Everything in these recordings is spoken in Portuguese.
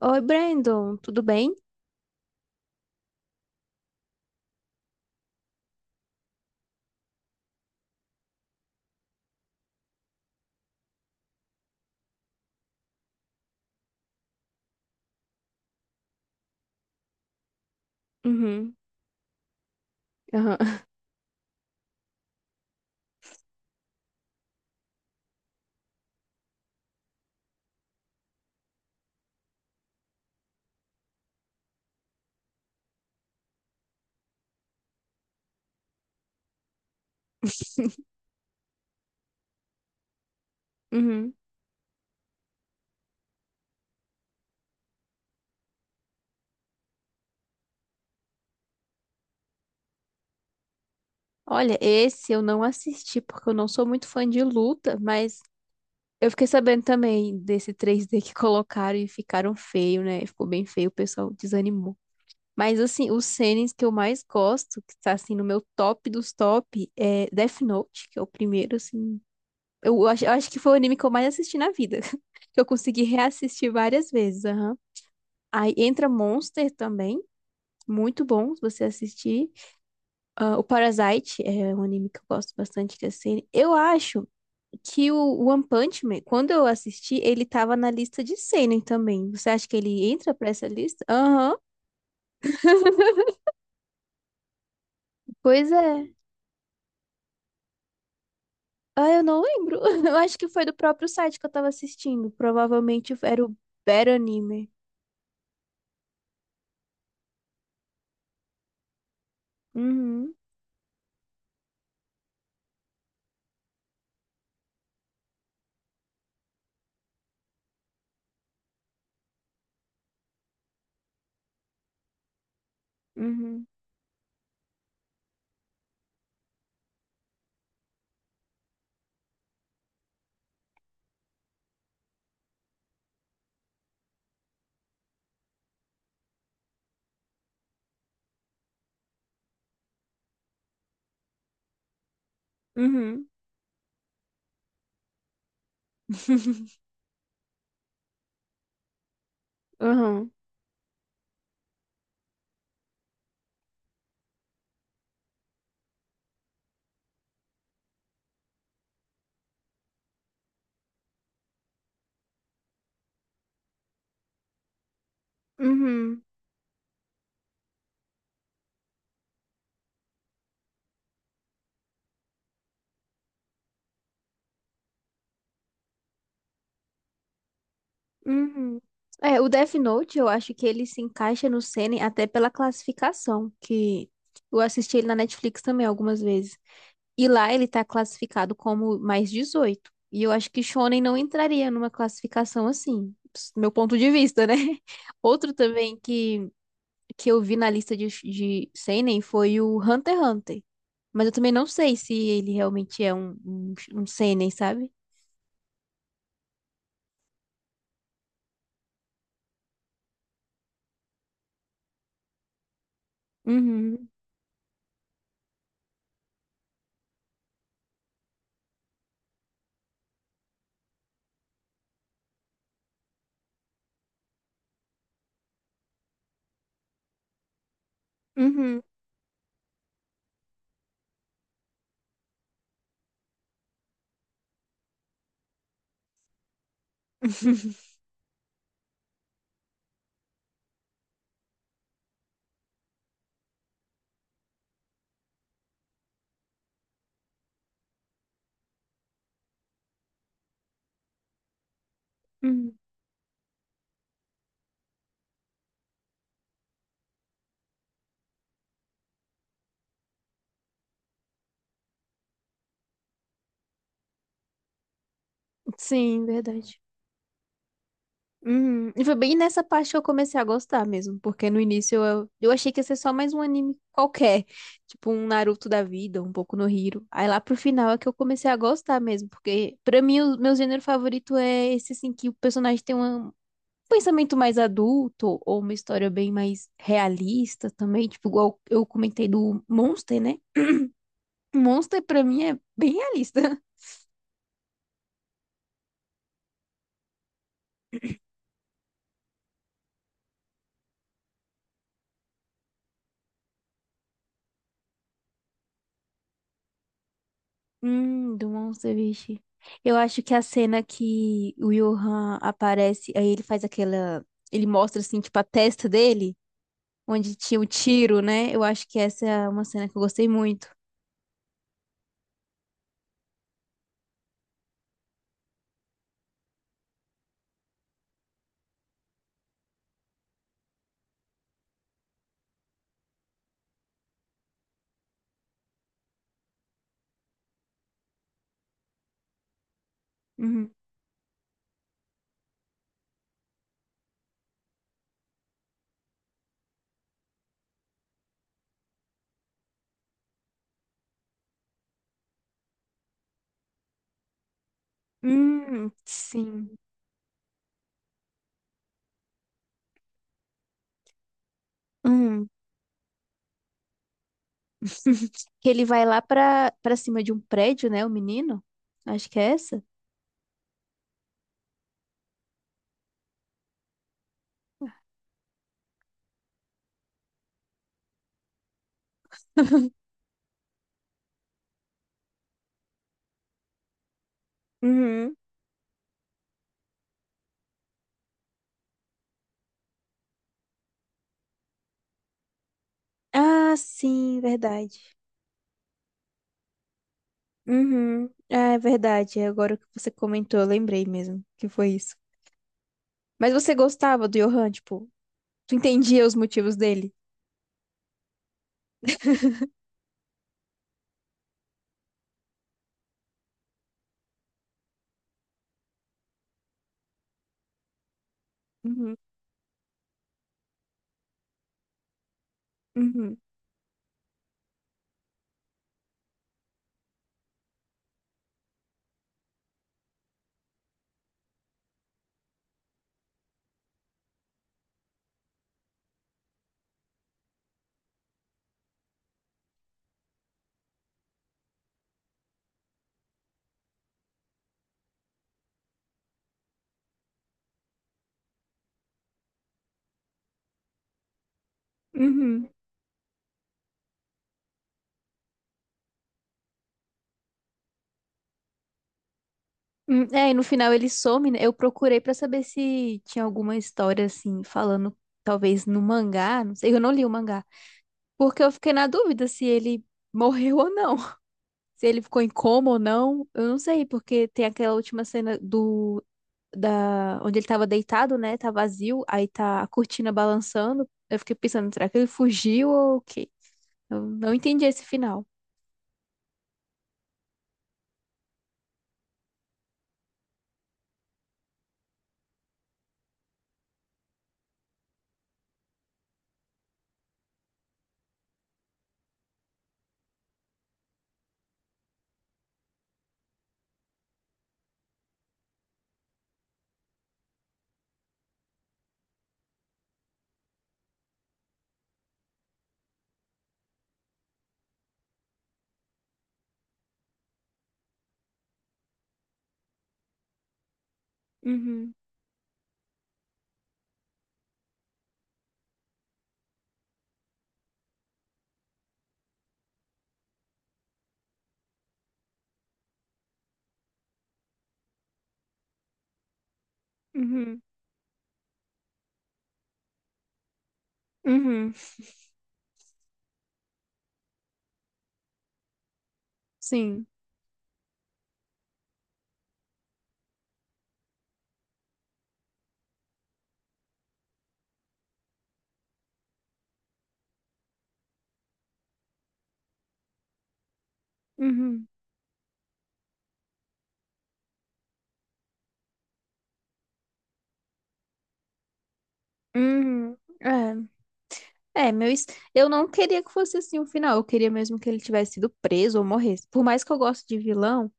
Oi, Brandon, tudo bem? Uhum, aham, uhum. Olha, esse eu não assisti porque eu não sou muito fã de luta, mas eu fiquei sabendo também desse 3D que colocaram e ficaram feio, né? Ficou bem feio, o pessoal desanimou. Mas assim, os series que eu mais gosto, que tá assim no meu top dos top, é Death Note, que é o primeiro, assim. Eu acho que foi o anime que eu mais assisti na vida, que eu consegui reassistir várias vezes, aham. Aí entra Monster também, muito bom se você assistir. Ah, o Parasite é um anime que eu gosto bastante de seinen. Eu acho que o One Punch Man, quando eu assisti, ele tava na lista de seinen também. Você acha que ele entra pra essa lista? Aham. Pois é. Ah, eu não lembro. Eu acho que foi do próprio site que eu tava assistindo. Provavelmente era o Better Anime. Uhum, uhum, uhum, uhum, uhum. Uhum. É, o Death Note, eu acho que ele se encaixa no Seinen até pela classificação, que eu assisti ele na Netflix também algumas vezes. E lá ele tá classificado como mais 18. E eu acho que Shonen não entraria numa classificação assim, ps- meu ponto de vista, né? Outro também que eu vi na lista de Seinen foi o Hunter x Hunter. Mas eu também não sei se ele realmente é um Seinen, sabe? Uhum. Uhum. Uhum. Sim, verdade. Uhum. E foi bem nessa parte que eu comecei a gostar mesmo, porque no início eu achei que ia ser só mais um anime qualquer, tipo um Naruto da vida, um pouco no Hero. Aí lá pro final é que eu comecei a gostar mesmo, porque pra mim o meu gênero favorito é esse assim que o personagem tem uma- um pensamento mais adulto ou uma história bem mais realista também, tipo igual eu comentei do Monster, né? Monster pra mim é bem realista. Do Monster, vixe. Eu acho que a cena que o Johan aparece, aí ele faz aquela. Ele mostra, assim, tipo, a testa dele, onde tinha o tiro, né? Eu acho que essa é uma cena que eu gostei muito. Uhum. Sim. Hum. Que ele vai lá pra cima de um prédio, né? O menino. Acho que é essa. Uhum. Ah, sim, verdade. Uhum. Ah, é verdade. Agora que você comentou, eu lembrei mesmo que foi isso. Mas você gostava do Johan, tipo, tu entendia os motivos dele? Uhum, uhum, uhum. É, e no final ele some, né? Eu procurei pra saber se tinha alguma história assim, falando talvez no mangá, não sei, eu não li o mangá, porque eu fiquei na dúvida se ele morreu ou não, se ele ficou em coma ou não, eu não sei, porque tem aquela última cena do da onde ele tava deitado, né? Tá vazio, aí tá a cortina balançando. Eu fiquei pensando, será que ele fugiu ou o quê? Eu não entendi esse final. Uhum, uhum, uhum, sim, uhum, uhum, é, é, meu, es- eu não queria que fosse assim o final, eu queria mesmo que ele tivesse sido preso ou morresse, por mais que eu goste de vilão,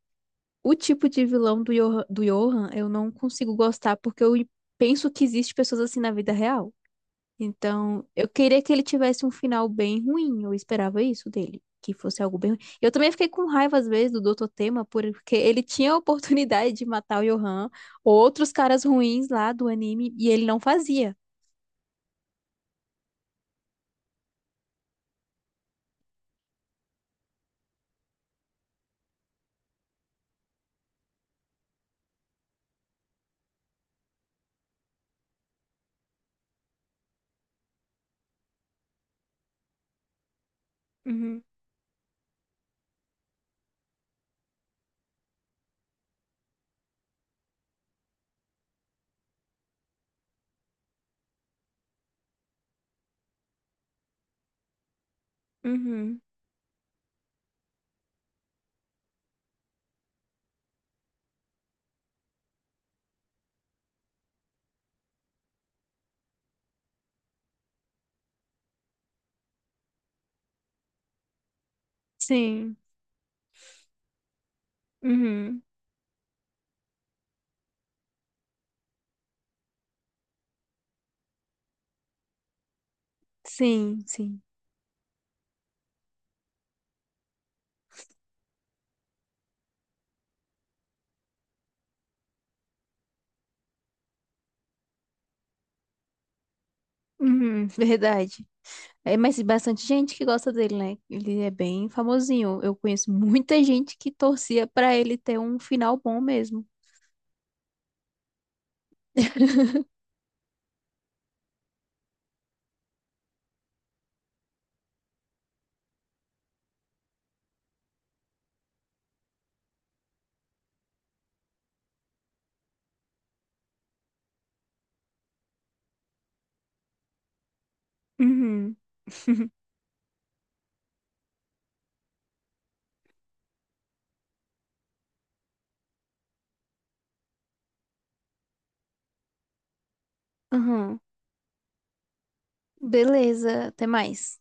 o tipo de vilão do Johan eu não consigo gostar, porque eu penso que existe pessoas assim na vida real. Então, eu queria que ele tivesse um final bem ruim. Eu esperava isso dele, que fosse algo bem ruim. Eu também fiquei com raiva, às vezes, do Doutor Tema, porque ele tinha a oportunidade de matar o Johan, outros caras ruins lá do anime, e ele não fazia. Uhum, uhum, sim, uhum, sim, sim. Uhum, verdade. É, mas bastante gente que gosta dele, né? Ele é bem famosinho. Eu conheço muita gente que torcia pra ele ter um final bom mesmo. uhum. Aham. Beleza, até mais.